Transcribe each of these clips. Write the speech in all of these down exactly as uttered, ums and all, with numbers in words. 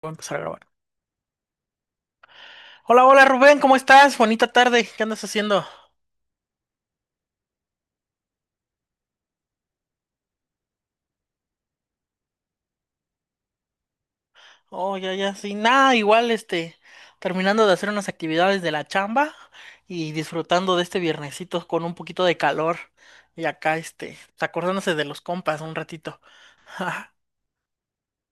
Voy a empezar a grabar. Hola, hola Rubén, ¿cómo estás? Bonita tarde, ¿qué andas haciendo? Oh, ya, ya, sí, nada, igual, este, terminando de hacer unas actividades de la chamba y disfrutando de este viernesito con un poquito de calor y acá, este, pues, acordándose de los compas un ratito.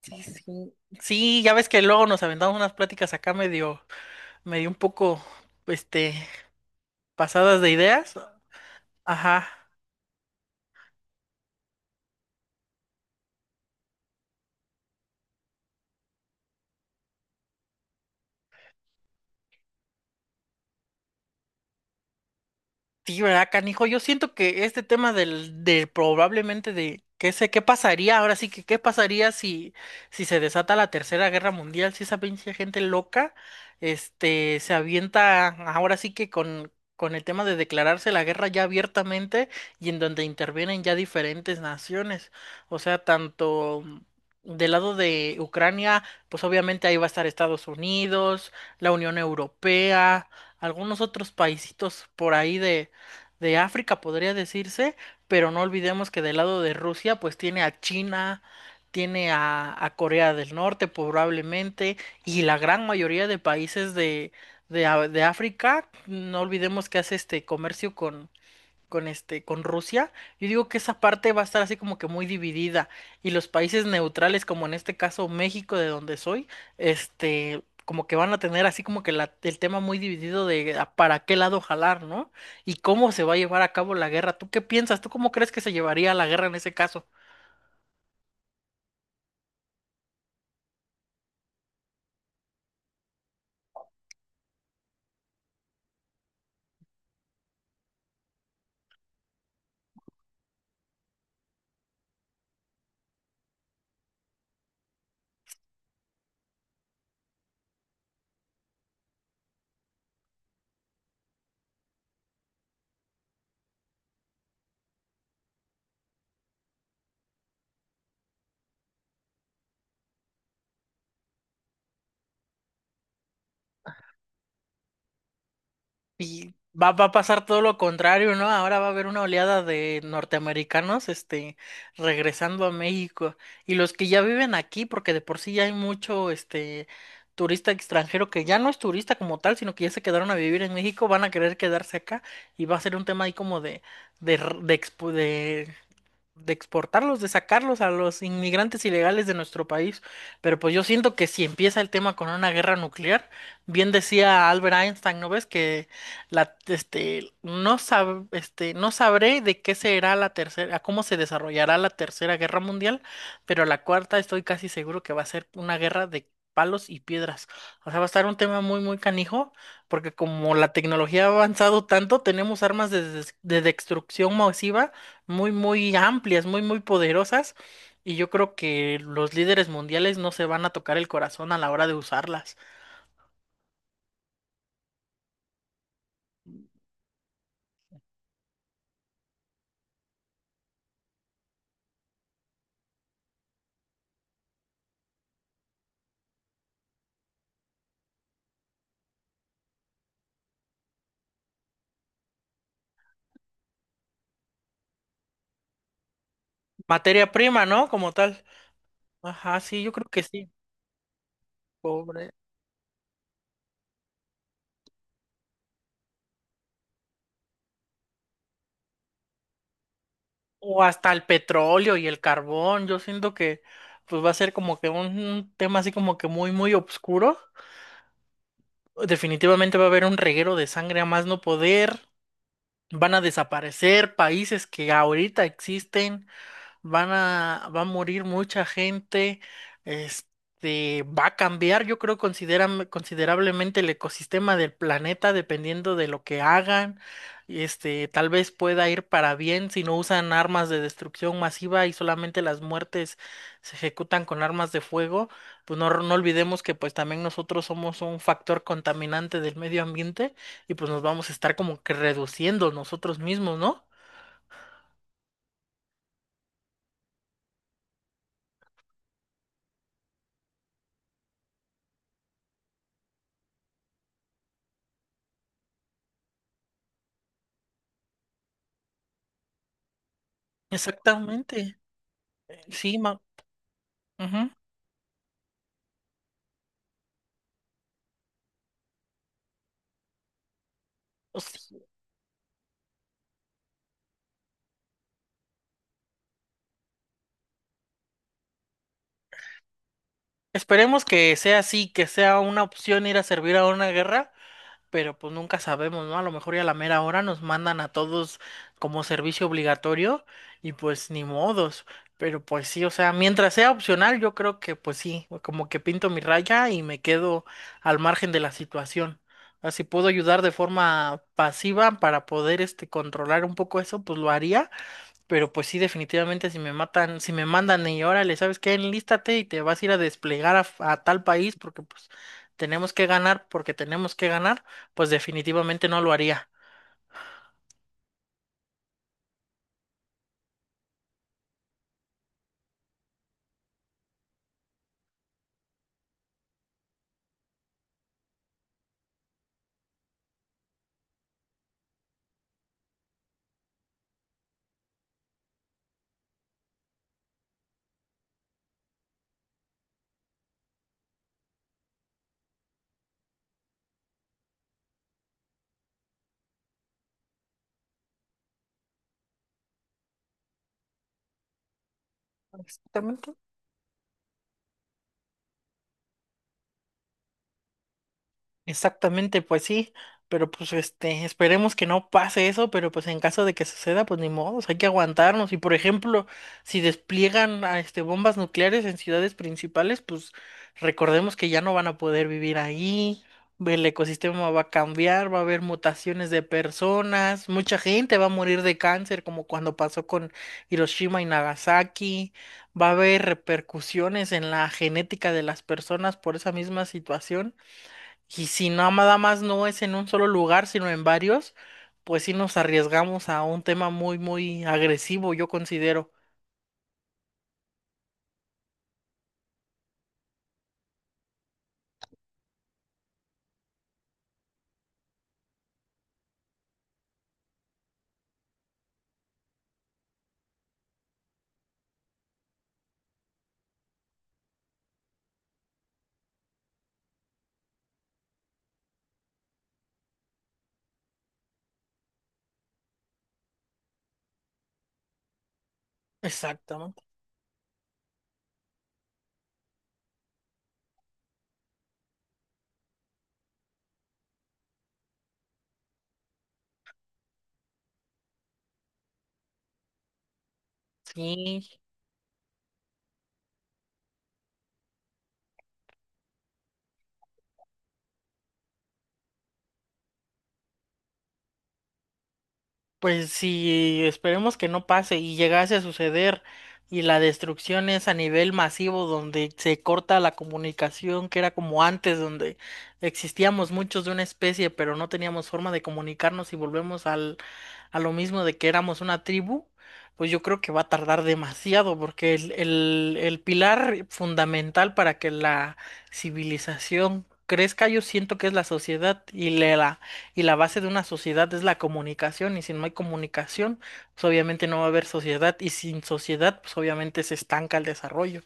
Sí, sí. Sí, ya ves que luego nos aventamos unas pláticas acá medio, medio un poco, este, pasadas de ideas. Ajá. Sí, ¿verdad, canijo? Yo siento que este tema del, de probablemente de qué sé, qué pasaría, ahora sí que qué pasaría si, si se desata la Tercera Guerra Mundial, si esa pinche gente loca, este, se avienta ahora sí que con, con el tema de declararse la guerra ya abiertamente y en donde intervienen ya diferentes naciones. O sea, tanto del lado de Ucrania, pues obviamente ahí va a estar Estados Unidos, la Unión Europea, algunos otros paisitos por ahí de de África, podría decirse, pero no olvidemos que del lado de Rusia, pues tiene a China, tiene a, a Corea del Norte probablemente, y la gran mayoría de países de, de, a- de África, no olvidemos que hace este comercio con, con este, con Rusia. Yo digo que esa parte va a estar así como que muy dividida y los países neutrales, como en este caso México, de donde soy, este, como que van a tener así como que la- el tema muy dividido de a para qué lado jalar, ¿no? Y cómo se va a llevar a cabo la guerra. ¿Tú qué piensas? ¿Tú cómo crees que se llevaría la guerra en ese caso? Y va, va a pasar todo lo contrario, ¿no? Ahora va a haber una oleada de norteamericanos, este, regresando a México. Y los que ya viven aquí, porque de por sí ya hay mucho, este, turista extranjero que ya no es turista como tal, sino que ya se quedaron a vivir en México, van a querer quedarse acá y va a ser un tema ahí como de, de, r- de, expo- de de exportarlos, de sacarlos a los inmigrantes ilegales de nuestro país. Pero pues yo siento que si empieza el tema con una guerra nuclear, bien decía Albert Einstein, ¿no ves? Que la, este, no sab- este, no sabré de qué será la tercera, cómo se desarrollará la tercera guerra mundial, pero la cuarta estoy casi seguro que va a ser una guerra de palos y piedras. O sea, va a estar un tema muy, muy canijo, porque como la tecnología ha avanzado tanto, tenemos armas de des- de destrucción masiva muy, muy amplias, muy, muy poderosas, y yo creo que los líderes mundiales no se van a tocar el corazón a la hora de usarlas. Materia prima, ¿no? Como tal. Ajá, sí, yo creo que sí, pobre. O hasta el petróleo y el carbón, yo siento que pues va a ser como que un tema así como que muy, muy oscuro. Definitivamente va a haber un reguero de sangre a más no poder. Van a desaparecer países que ahorita existen. Van a, va a morir mucha gente, este, va a cambiar, yo creo, consideram- considerablemente el ecosistema del planeta, dependiendo de lo que hagan. Este, tal vez pueda ir para bien si no usan armas de destrucción masiva y solamente las muertes se ejecutan con armas de fuego. Pues no, no olvidemos que pues también nosotros somos un factor contaminante del medio ambiente y pues nos vamos a estar como que reduciendo nosotros mismos, ¿no? Exactamente. Sí, ma. Ujú. Pues, esperemos que sea así, que sea una opción ir a servir a una guerra, pero pues nunca sabemos, ¿no? A lo mejor ya a la mera hora nos mandan a todos como servicio obligatorio y pues ni modos. Pero pues sí, o sea, mientras sea opcional, yo creo que pues sí, como que pinto mi raya y me quedo al margen de la situación. Así puedo ayudar de forma pasiva para poder este controlar un poco eso, pues lo haría. Pero pues sí, definitivamente si me matan, si me mandan y órale, ¿sabes qué? Enlístate y te vas a ir a desplegar a, a tal país porque pues tenemos que ganar, porque tenemos que ganar, pues definitivamente no lo haría. Exactamente. Exactamente, pues sí, pero pues este, esperemos que no pase eso, pero pues en caso de que suceda, pues ni modo, hay que aguantarnos. Y por ejemplo, si despliegan a, este bombas nucleares en ciudades principales, pues recordemos que ya no van a poder vivir ahí, el ecosistema va a cambiar, va a haber mutaciones de personas, mucha gente va a morir de cáncer, como cuando pasó con Hiroshima y Nagasaki, va a haber repercusiones en la genética de las personas por esa misma situación. Y si no- nada más no es en un solo lugar, sino en varios, pues sí nos arriesgamos a un tema muy, muy agresivo, yo considero. Exactamente. Sí, pues si esperemos que no pase y llegase a suceder y la destrucción es a nivel masivo donde se corta la comunicación que era como antes, donde existíamos muchos de una especie pero no teníamos forma de comunicarnos y volvemos al, a lo mismo de que éramos una tribu, pues yo creo que va a tardar demasiado porque el, el, el pilar fundamental para que la civilización crezca yo siento que es la sociedad y la y la base de una sociedad es la comunicación, y si no hay comunicación, pues obviamente no va a haber sociedad, y sin sociedad, pues obviamente se estanca el desarrollo.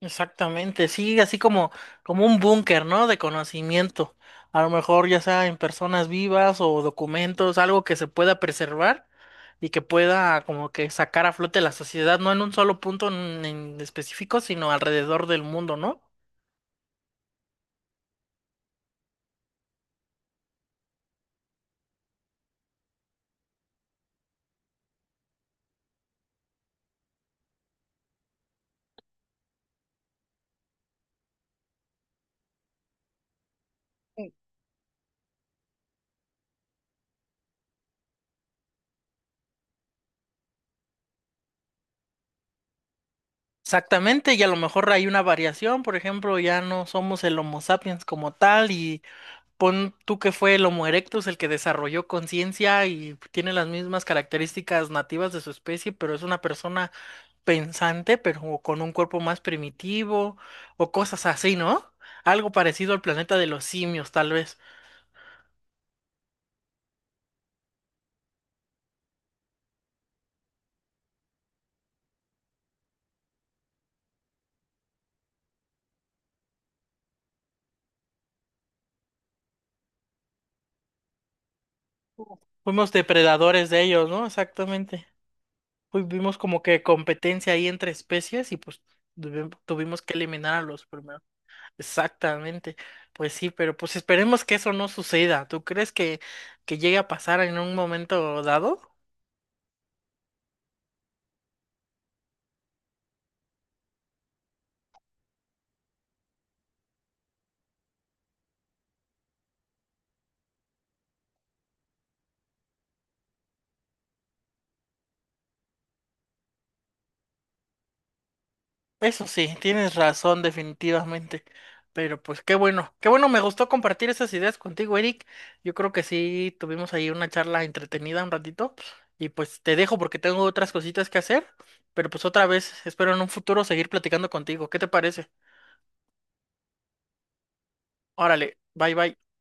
Exactamente, sí, así como, como un búnker, ¿no? De conocimiento. A lo mejor ya sea en personas vivas o documentos, algo que se pueda preservar y que pueda como que sacar a flote la sociedad, no en un solo punto en en específico, sino alrededor del mundo, ¿no? Exactamente, y a lo mejor hay una variación, por ejemplo, ya no somos el Homo sapiens como tal, y pon tú que fue el Homo erectus el que desarrolló conciencia y tiene las mismas características nativas de su especie, pero es una persona pensante, pero con un cuerpo más primitivo, o cosas así, ¿no? Algo parecido al planeta de los simios, tal vez. Fuimos depredadores de ellos, ¿no? Exactamente. Fu- Vimos como que competencia ahí entre especies y pues tuvi- tuvimos que eliminar a los primeros. Exactamente, pues sí, pero pues esperemos que eso no suceda. ¿Tú crees que, que llegue a pasar en un momento dado? Eso sí, tienes razón definitivamente, pero pues qué bueno, qué bueno, me gustó compartir esas ideas contigo, Eric. Yo creo que sí, tuvimos ahí una charla entretenida un ratito y pues te dejo porque tengo otras cositas que hacer, pero pues otra vez espero en un futuro seguir platicando contigo. ¿Qué te parece? Órale, bye bye.